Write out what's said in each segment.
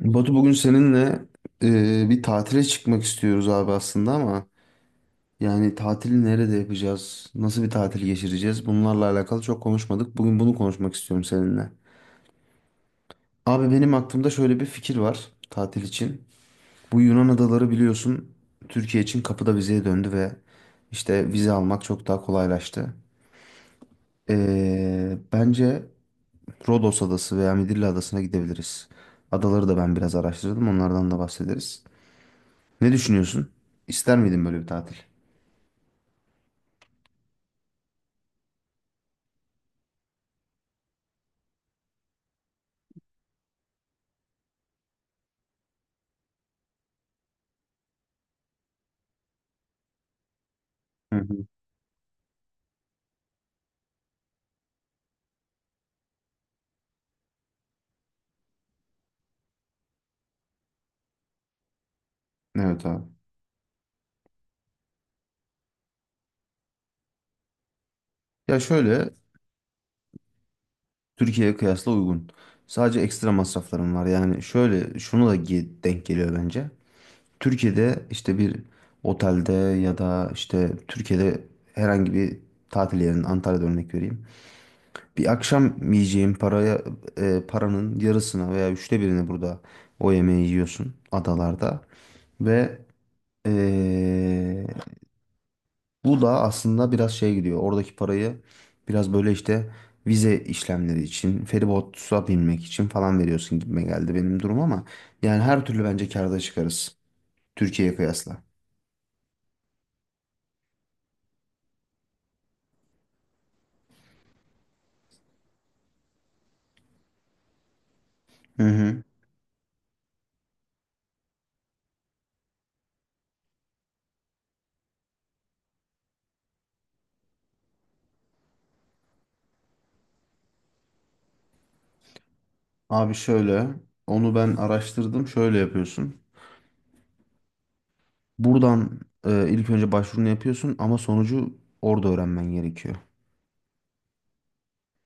Batu bugün seninle bir tatile çıkmak istiyoruz abi aslında ama yani tatili nerede yapacağız? Nasıl bir tatil geçireceğiz? Bunlarla alakalı çok konuşmadık. Bugün bunu konuşmak istiyorum seninle. Abi benim aklımda şöyle bir fikir var tatil için. Bu Yunan adaları biliyorsun Türkiye için kapıda vizeye döndü ve işte vize almak çok daha kolaylaştı. Bence Rodos Adası veya Midilli Adası'na gidebiliriz. Adaları da ben biraz araştırdım onlardan da bahsederiz. Ne düşünüyorsun? İster miydin böyle bir tatil? Hı hı. Evet abi. Ya şöyle Türkiye'ye kıyasla uygun. Sadece ekstra masraflarım var. Yani şöyle şunu da denk geliyor bence. Türkiye'de işte bir otelde ya da işte Türkiye'de herhangi bir tatil yerinin Antalya'da örnek vereyim. Bir akşam yiyeceğim paraya paranın yarısına veya üçte birini burada o yemeği yiyorsun adalarda ve e, bu da aslında biraz şey gidiyor. Oradaki parayı biraz böyle işte vize işlemleri için, feribota binmek için falan veriyorsun gibime geldi benim durum ama yani her türlü bence kârda çıkarız Türkiye'ye kıyasla. Hı hı. Abi şöyle onu ben araştırdım. Şöyle yapıyorsun. Buradan ilk önce başvurunu yapıyorsun ama sonucu orada öğrenmen gerekiyor.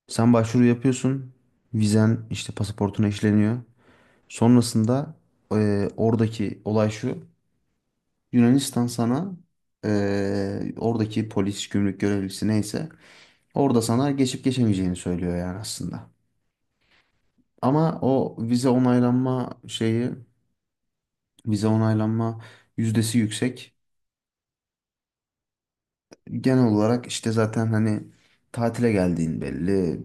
Sen başvuru yapıyorsun. Vizen işte pasaportuna işleniyor. Sonrasında oradaki olay şu. Yunanistan sana oradaki polis, gümrük görevlisi neyse orada sana geçip geçemeyeceğini söylüyor yani aslında. Ama o vize onaylanma şeyi, vize onaylanma yüzdesi yüksek. Genel olarak işte zaten hani tatile geldiğin belli,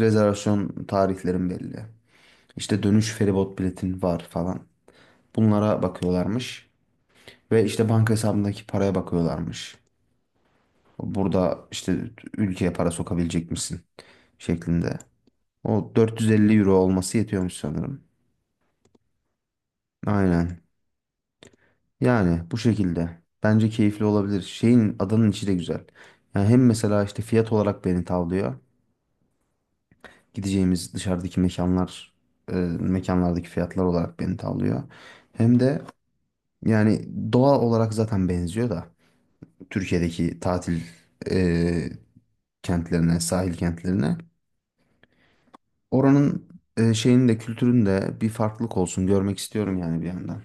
rezervasyon tarihlerin belli. İşte dönüş feribot biletin var falan. Bunlara bakıyorlarmış ve işte banka hesabındaki paraya bakıyorlarmış. Burada işte ülkeye para sokabilecek misin şeklinde. O 450 euro olması yetiyormuş sanırım. Aynen. Yani bu şekilde. Bence keyifli olabilir. Şeyin adanın içi de güzel. Yani hem mesela işte fiyat olarak beni tavlıyor. Gideceğimiz dışarıdaki mekanlar, e, mekanlardaki fiyatlar olarak beni tavlıyor. Hem de yani doğa olarak zaten benziyor da Türkiye'deki tatil e, kentlerine, sahil kentlerine. Oranın şeyinin de kültürün de bir farklılık olsun görmek istiyorum yani bir yandan.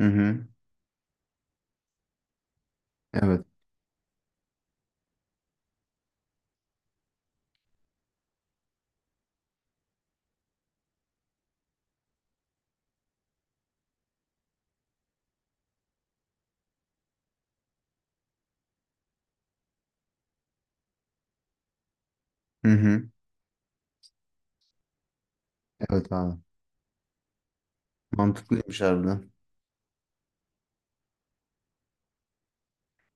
Hı hı. Evet. Hı hı. Evet abi. Mantıklıymış harbiden.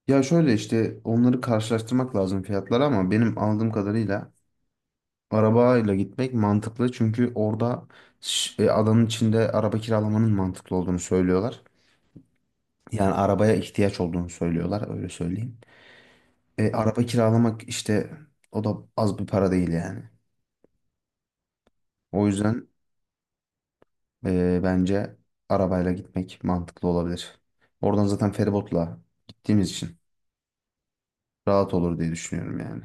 Ya şöyle işte onları karşılaştırmak lazım fiyatları ama benim aldığım kadarıyla arabayla gitmek mantıklı. Çünkü orada adanın içinde araba kiralamanın mantıklı olduğunu söylüyorlar. Yani arabaya ihtiyaç olduğunu söylüyorlar öyle söyleyeyim. Araba kiralamak işte o da az bir para değil yani. O yüzden bence arabayla gitmek mantıklı olabilir. Oradan zaten feribotla gittiğimiz için rahat olur diye düşünüyorum yani.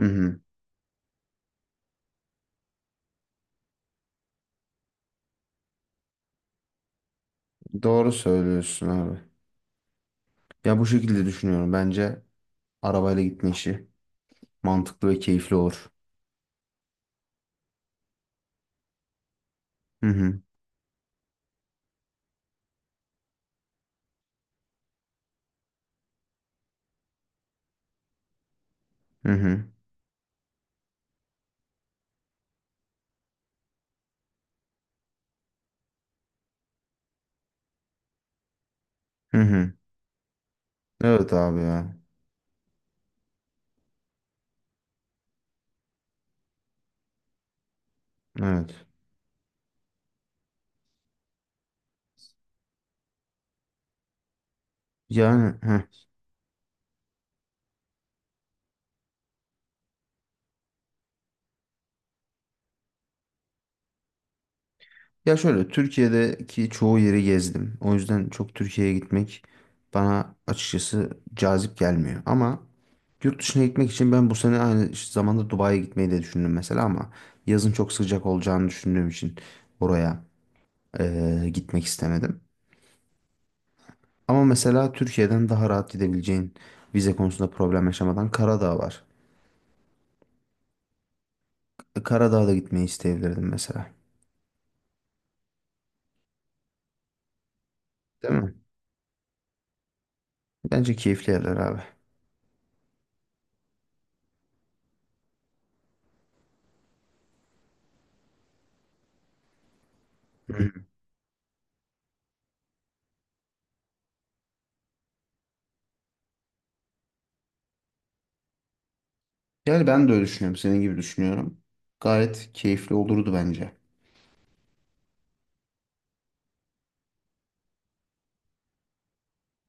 Hı hı. Doğru söylüyorsun abi. Ya bu şekilde düşünüyorum. Bence arabayla gitme işi mantıklı ve keyifli olur. Hı hı. Hı hı. Hı hı. Evet abi ya. Evet. Yani heh. Ya şöyle Türkiye'deki çoğu yeri gezdim. O yüzden çok Türkiye'ye gitmek bana açıkçası cazip gelmiyor. Ama yurt dışına gitmek için ben bu sene aynı zamanda Dubai'ye gitmeyi de düşündüm mesela ama yazın çok sıcak olacağını düşündüğüm için oraya gitmek istemedim. Ama mesela Türkiye'den daha rahat gidebileceğin vize konusunda problem yaşamadan Karadağ var. Karadağ'a da gitmeyi isteyebilirdim mesela. Değil mi? Bence keyifli yerler abi. Hı. Yani ben de öyle düşünüyorum. Senin gibi düşünüyorum. Gayet keyifli olurdu bence.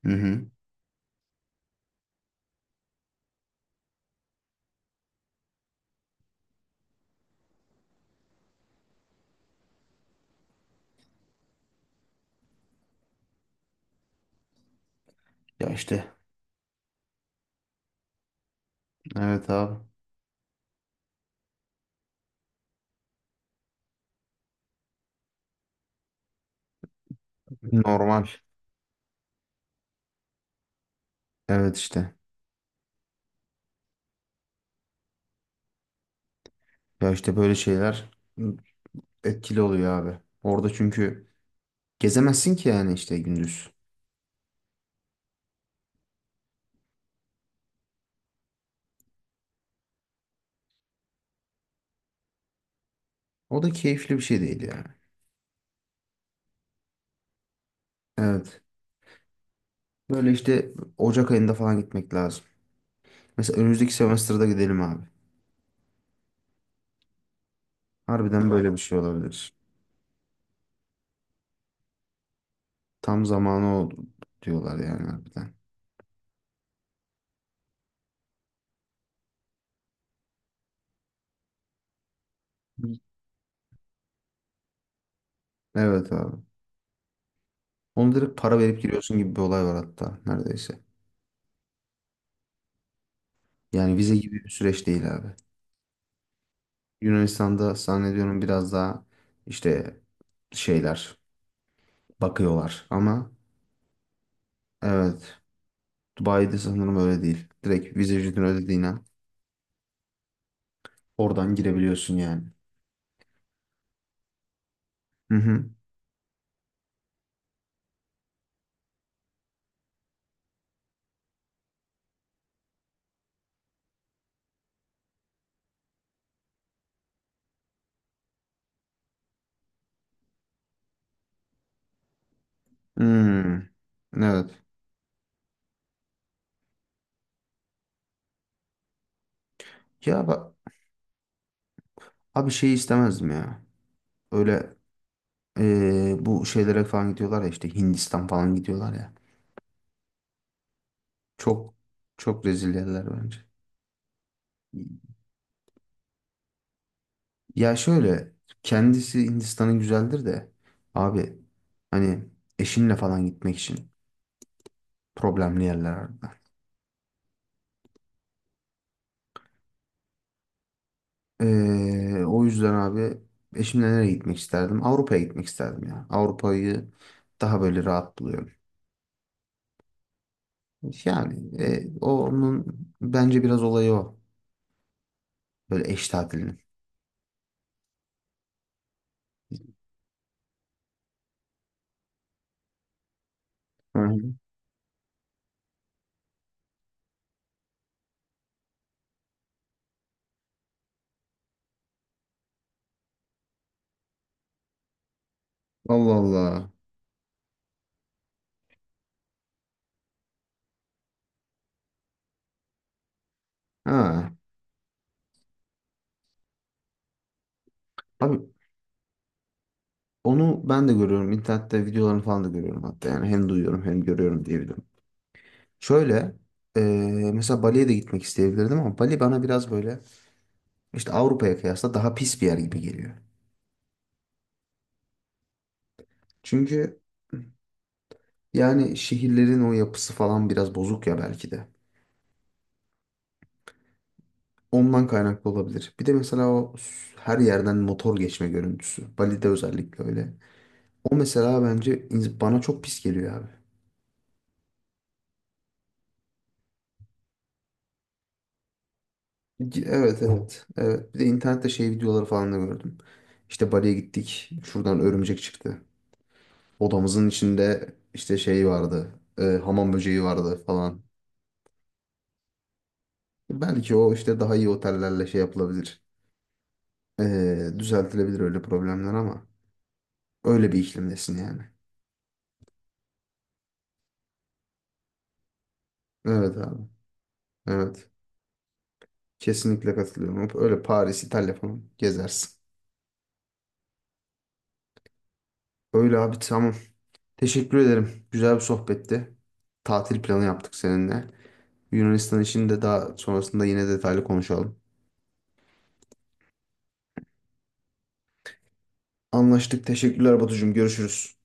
Hı hı. Ya işte. Evet abi. Normal. Evet işte. Ya işte böyle şeyler etkili oluyor abi. Orada çünkü gezemezsin ki yani işte gündüz. O da keyifli bir şey değil yani. Evet. Böyle işte Ocak ayında falan gitmek lazım. Mesela önümüzdeki semester'da gidelim abi. Harbiden böyle bir şey olabilir. Tam zamanı oldu diyorlar yani harbiden. Evet abi. Onu direkt para verip giriyorsun gibi bir olay var hatta neredeyse. Yani vize gibi bir süreç değil abi. Yunanistan'da zannediyorum biraz daha işte şeyler bakıyorlar ama evet Dubai'de sanırım öyle değil. Direkt vize ücretini ödediğin an oradan girebiliyorsun yani. Hı hı. Hmm, evet. Ya bak abi şey istemezdim ya. Öyle bu şeylere falan gidiyorlar ya işte Hindistan falan gidiyorlar ya. Çok Çok rezil yerler bence. Ya şöyle kendisi Hindistan'ın güzeldir de abi hani eşinle falan gitmek için problemli yerler harbiden. O yüzden abi eşimle nereye gitmek isterdim? Avrupa'ya gitmek isterdim ya. Avrupa'yı daha böyle rahat buluyorum. Yani onun bence biraz olayı o. Böyle eş tatilinin. Hı hı. Allah Allah. Ha. Abi onu ben de görüyorum. İnternette videolarını falan da görüyorum hatta. Yani hem duyuyorum hem görüyorum diyebilirim. Şöyle mesela Bali'ye de gitmek isteyebilirdim ama Bali bana biraz böyle işte Avrupa'ya kıyasla daha pis bir yer gibi geliyor. Çünkü yani şehirlerin o yapısı falan biraz bozuk ya belki de. Ondan kaynaklı olabilir. Bir de mesela o her yerden motor geçme görüntüsü. Bali'de özellikle öyle. O mesela bence bana çok pis geliyor abi. Evet, evet. Evet. Bir de internette şey videoları falan da gördüm. İşte Bali'ye gittik. Şuradan örümcek çıktı. Odamızın içinde işte şey vardı. Hamam böceği vardı falan. Belki o işte daha iyi otellerle şey yapılabilir. Düzeltilebilir öyle problemler ama öyle bir iklimdesin yani. Evet abi. Evet. Kesinlikle katılıyorum. Öyle Paris, İtalya falan gezersin. Öyle abi tamam. Teşekkür ederim. Güzel bir sohbetti. Tatil planı yaptık seninle. Yunanistan için de daha sonrasında yine detaylı konuşalım. Anlaştık. Teşekkürler Batucuğum. Görüşürüz.